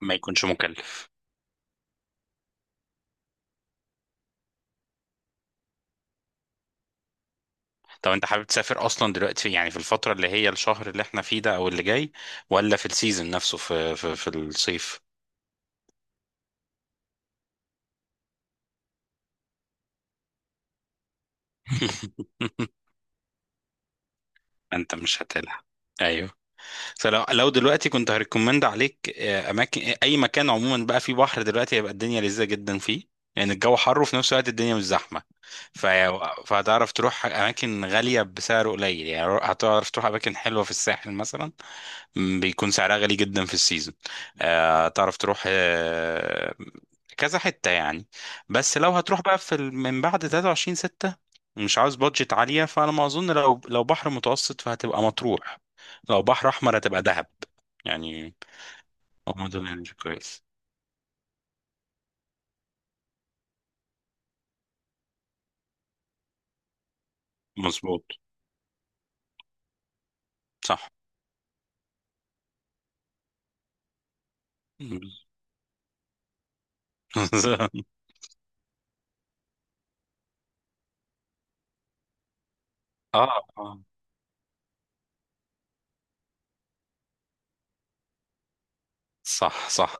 ما يكونش مكلف. طب انت حابب تسافر اصلا دلوقتي؟ يعني في الفترة اللي هي الشهر اللي احنا فيه ده او اللي جاي، ولا في السيزون نفسه، في الصيف؟ انت مش هتلحق. ايوه. فلو دلوقتي كنت هريكومند عليك اماكن، اي مكان عموما بقى فيه بحر دلوقتي هيبقى الدنيا لذيذة جدا فيه. يعني الجو حر وفي نفس الوقت الدنيا مش زحمة. ف- فهتعرف تروح أماكن غالية بسعر قليل. يعني هتعرف تروح أماكن حلوة في الساحل مثلا، بيكون سعرها غالي جدا في السيزون. تعرف تروح، كذا حتة يعني. بس لو هتروح بقى في من بعد 23 6، مش عاوز بادجت عالية، فأنا ما أظن. لو بحر متوسط فهتبقى مطروح، لو بحر أحمر هتبقى دهب. يعني هما دول يعني كويس. مظبوط. صح. اه. آه. صح، صح.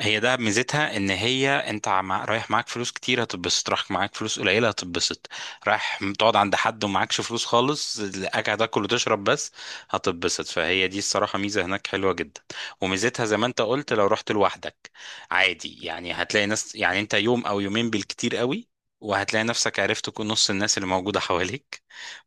هي دهب ميزتها ان هي انت رايح معاك فلوس كتير هتتبسط، رايح معاك فلوس قليله هتتبسط، رايح تقعد عند حد ومعاكش فلوس خالص قاعد تاكل وتشرب بس هتتبسط. فهي دي الصراحه ميزه هناك حلوه جدا. وميزتها زي ما انت قلت لو رحت لوحدك عادي، يعني هتلاقي ناس، يعني انت يوم او يومين بالكتير قوي وهتلاقي نفسك عرفت نص الناس اللي موجوده حواليك،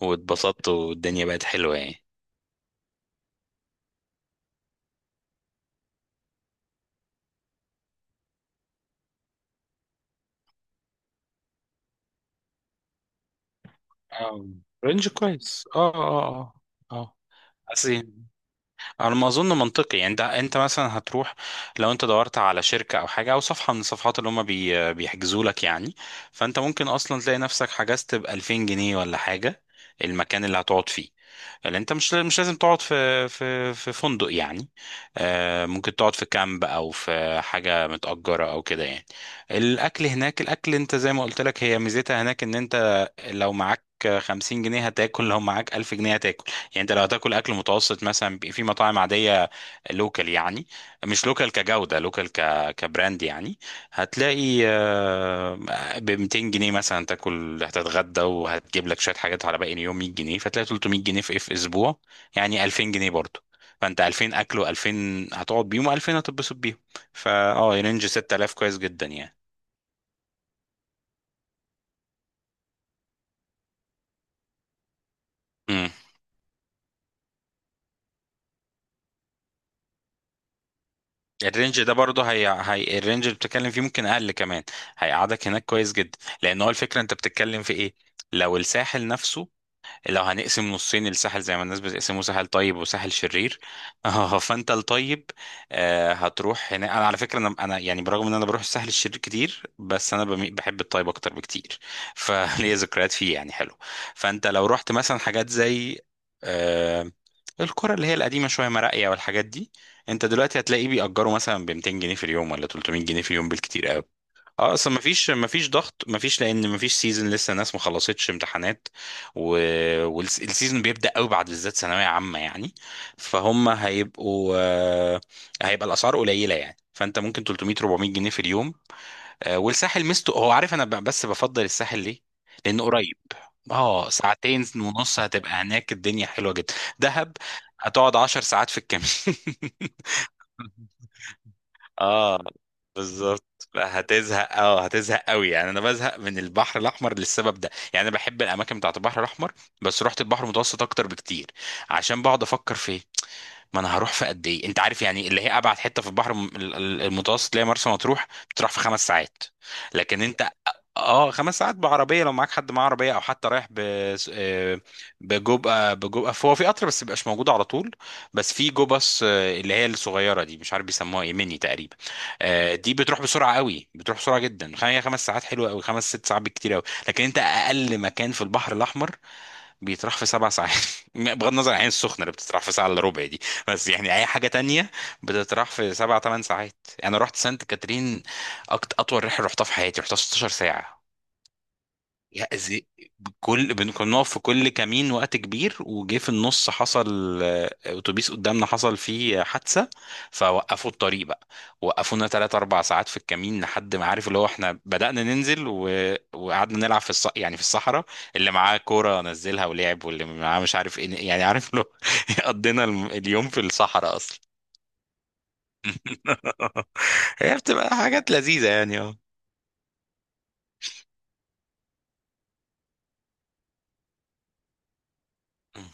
واتبسطت والدنيا بقت حلوه يعني. آه، رينج كويس. اه، اه. اه، اه. أصل على ما اظن منطقي يعني، ده انت مثلا هتروح، لو انت دورت على شركه او حاجه او صفحه من الصفحات اللي هم بيحجزوا لك يعني، فانت ممكن اصلا تلاقي نفسك حجزت ب 2000 جنيه ولا حاجه، المكان اللي هتقعد فيه، اللي انت مش لازم تقعد في في فندق يعني، ممكن تقعد في كامب او في حاجه متأجره او كده يعني. الاكل هناك، الاكل انت زي ما قلت لك هي ميزتها هناك ان انت لو معاك 50 جنيه هتاكل، لو معاك 1000 جنيه هتاكل. يعني انت لو هتاكل اكل متوسط مثلا في مطاعم عاديه، لوكال يعني، مش لوكال كجوده، لوكال كبراند يعني، هتلاقي ب 200 جنيه مثلا تاكل، هتتغدى وهتجيب لك شويه حاجات على باقي اليوم 100 جنيه، فتلاقي 300 جنيه في اسبوع، يعني 2000 جنيه برضه. فانت 2000 اكل و2000 هتقعد بيهم و2000 هتتبسط بيهم. فا رينج 6000 كويس جدا يعني. الرينج ده برضه، هي الرينج اللي بتتكلم فيه ممكن اقل كمان، هيقعدك هناك كويس جدا. لان هو الفكره انت بتتكلم في ايه؟ لو الساحل نفسه، لو هنقسم نصين الساحل زي ما الناس بتقسمه، ساحل طيب وساحل شرير، اه، فانت الطيب هتروح هنا. انا على فكره انا يعني برغم ان انا بروح الساحل الشرير كتير بس انا بحب الطيب اكتر بكتير. فليا ذكريات فيه يعني حلو. فانت لو رحت مثلا حاجات زي آه، القرى اللي هي القديمه شويه، مراقيه والحاجات دي، انت دلوقتي هتلاقيه بيأجروا مثلا ب 200 جنيه في اليوم ولا 300 جنيه في اليوم بالكتير قوي. اه، اصل مفيش ضغط، مفيش، لان مفيش سيزون. لسه الناس ما خلصتش امتحانات و... والسيزون بيبدا قوي بعد بالذات ثانويه عامه يعني. فهم هيبقوا آه، هيبقى الاسعار قليله يعني. فانت ممكن 300 400 جنيه في اليوم. والساحل مستو هو عارف انا، بس بفضل الساحل ليه؟ لانه قريب. اه، ساعتين ونص هتبقى هناك الدنيا حلوه جدا. دهب هتقعد 10 ساعات في الكمين. اه، بالظبط. لا، هتزهق قوي. يعني انا بزهق من البحر الاحمر للسبب ده. يعني انا بحب الاماكن بتاعت البحر الاحمر بس رحت البحر المتوسط اكتر بكتير. عشان بقعد افكر في إيه؟ ما انا هروح في قد ايه؟ انت عارف يعني، اللي هي ابعد حته في البحر المتوسط اللي هي مرسى مطروح، بتروح في 5 ساعات. لكن انت، اه 5 ساعات بعربيه لو معاك حد معاه عربيه، او حتى رايح ب آه، بجو آه، بجو آه، هو في قطر بس مبيبقاش موجود على طول. بس في جو باص، اللي هي الصغيره دي، مش عارف بيسموها ايه، ميني تقريبا. دي بتروح بسرعه قوي، بتروح بسرعه جدا. هي 5 ساعات حلوه قوي، 5-6 ساعات بالكتير قوي. لكن انت اقل مكان في البحر الاحمر بيتراح في 7 ساعات، بغض النظر عن العين السخنه اللي بتتراح في ساعه الا ربع دي. بس يعني اي حاجه تانية بتتراح في 7-8 ساعات. انا رحت سانت كاترين، اطول رحله رحتها في حياتي رحتها 16 ساعه. يا زي، كل كنا بنقف في كل كمين وقت كبير، وجه في النص حصل اتوبيس قدامنا حصل فيه حادثة. فوقفوا الطريق بقى، وقفونا 3-4 ساعات في الكمين، لحد ما، عارف اللي هو، احنا بدأنا ننزل وقعدنا نلعب يعني في الصحراء. اللي معاه كورة نزلها ولعب، واللي معاه مش عارف ايه، يعني عارف لو، قضينا اليوم في الصحراء أصلا. هي بتبقى حاجات لذيذة يعني. اه.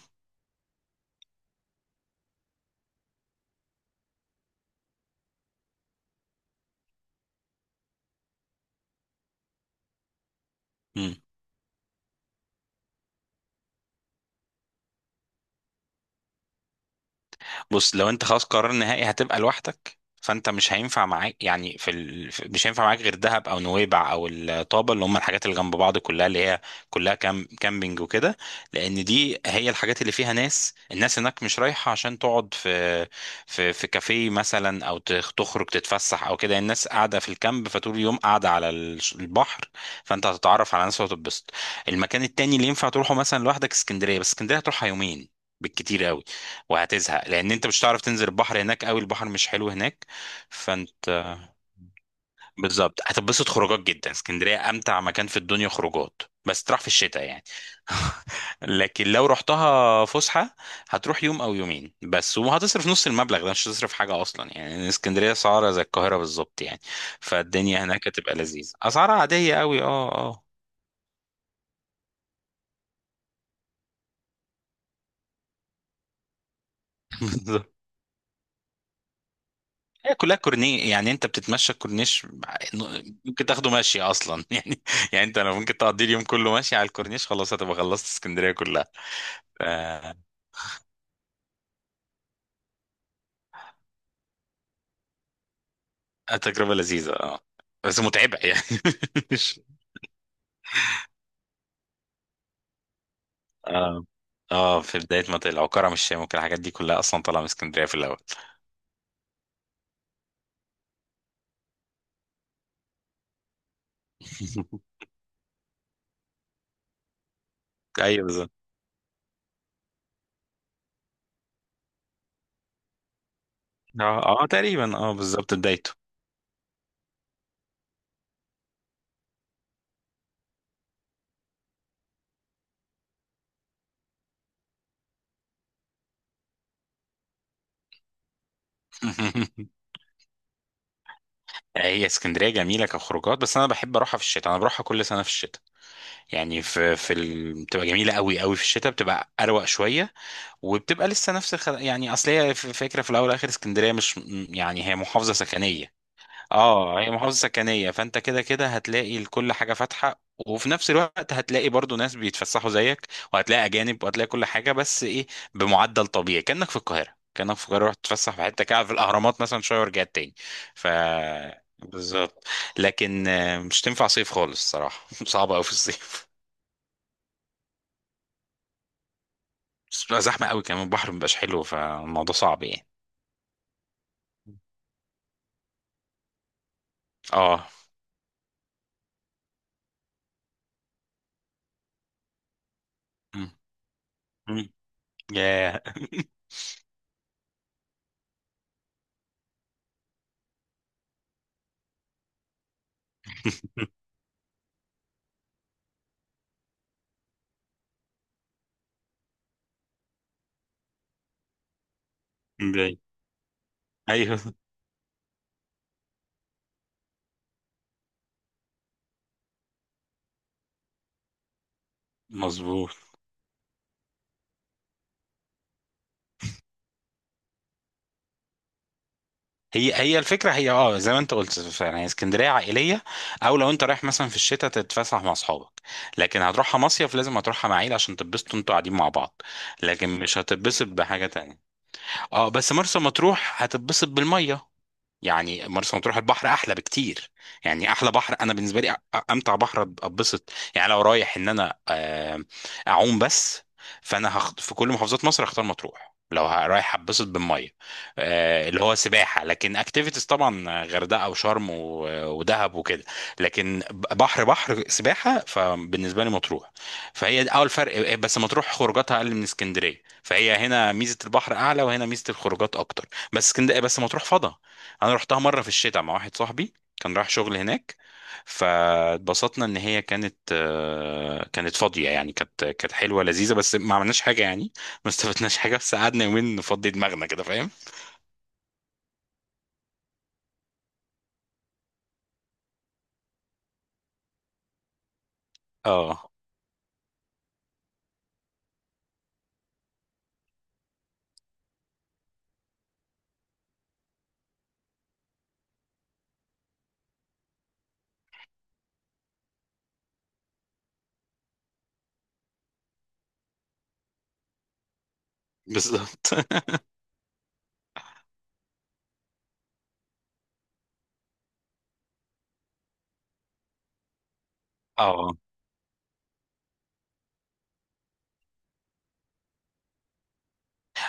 بص، لو انت خلاص قرار نهائي هتبقى لوحدك، فانت مش هينفع معاك يعني مش هينفع معاك غير دهب او نويبع او الطابه، اللي هم الحاجات اللي جنب بعض كلها، اللي هي كلها كامبينج وكده. لان دي هي الحاجات اللي فيها ناس. الناس هناك مش رايحه عشان تقعد في في كافيه مثلا، او تخرج تتفسح او كده. الناس قاعده في الكامب فطول اليوم قاعده على البحر. فانت هتتعرف على ناس وهتتبسط. المكان التاني اللي ينفع تروحه مثلا لوحدك اسكندريه، بس اسكندريه هتروحها يومين بالكتير قوي وهتزهق، لان انت مش هتعرف تنزل البحر هناك قوي، البحر مش حلو هناك. فانت بالظبط هتتبسط خروجات جدا. اسكندريه امتع مكان في الدنيا خروجات، بس تروح في الشتاء يعني. لكن لو رحتها فسحه هتروح يوم او يومين بس، وهتصرف نص المبلغ ده مش هتصرف حاجه اصلا. يعني اسكندريه اسعارها زي القاهره بالظبط يعني. فالدنيا هناك هتبقى لذيذه اسعارها عاديه قوي. اه، اه. هي كلها كورني، يعني انت بتتمشى الكورنيش، ممكن تاخده ماشي اصلا يعني. يعني انت لو ممكن تقضي اليوم كله ماشي على الكورنيش خلاص هتبقى خلصت اسكندريه كلها. ف- آه، تجربه لذيذه. اه. بس متعبه يعني. مش اه اه في بدايه ما تقلع وكرم الشام وكل الحاجات دي كلها اصلا طالعه من اسكندريه في الاول. ايوه بالظبط. اه، اه تقريبا. اه، بالظبط بدايته. هي اسكندريه جميله كخروجات، بس انا بحب اروحها في الشتاء. انا بروحها كل سنه في الشتاء. يعني بتبقى جميله قوي قوي في الشتاء، بتبقى اروق شويه. وبتبقى لسه نفس يعني اصل هي فكره في الاول والاخر، اسكندريه مش يعني هي محافظه سكنيه. اه، هي محافظه سكنيه، فانت كده كده هتلاقي كل حاجه فاتحه، وفي نفس الوقت هتلاقي برضو ناس بيتفسحوا زيك، وهتلاقي اجانب وهتلاقي كل حاجه، بس ايه؟ بمعدل طبيعي، كانك في القاهره، رحت تتفسح في حته كده، في الاهرامات مثلا، شويه ورجعت تاني. ف بالظبط. لكن مش تنفع صيف خالص صراحه. صعبه قوي في الصيف، بس بتبقى زحمة قوي كمان، البحر مبقاش حلو، فالموضوع صعب يعني. اه. مم. مم. ياه. باي. ايوه مظبوط. هي الفكره، هي، زي ما انت قلت فعلا، هي اسكندريه عائليه، او لو انت رايح مثلا في الشتاء تتفسح مع اصحابك. لكن هتروحها مصيف لازم هتروحها مع عيله عشان تتبسطوا انتوا قاعدين مع بعض، لكن مش هتتبسط بحاجه تانية. اه، بس مرسى مطروح هتتبسط بالميه. يعني مرسى مطروح البحر احلى بكتير. يعني احلى بحر انا بالنسبه لي، امتع بحر اتبسط، يعني لو رايح ان انا اعوم بس، فانا في كل محافظات مصر هختار مطروح لو رايح اتبسط بالميه، اللي هو سباحه. لكن اكتيفيتيز طبعا غردقه وشرم ودهب وكده. لكن بحر سباحه فبالنسبه لي مطروح. فهي ده اول فرق. بس مطروح خروجاتها اقل من اسكندريه، فهي هنا ميزه البحر اعلى وهنا ميزه الخروجات اكتر. بس اسكندريه، بس مطروح فضا. انا رحتها مره في الشتاء مع واحد صاحبي كان رايح شغل هناك. فاتبسطنا ان هي كانت كانت فاضيه يعني. كانت حلوه لذيذه، بس ما عملناش حاجه يعني. ما استفدناش حاجه، بس قعدنا يومين نفضي دماغنا كده فاهم. اه، بالظبط. اه،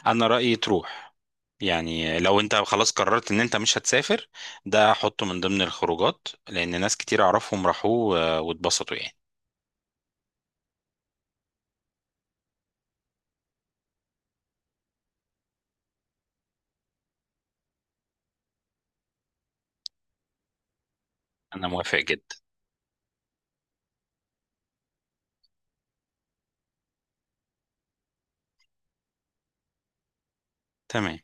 انا رايي تروح. يعني لو انت خلاص قررت ان انت مش هتسافر، ده حطه من ضمن الخروجات، لان ناس كتير اعرفهم راحوا واتبسطوا يعني. انا موافق جدا. تمام.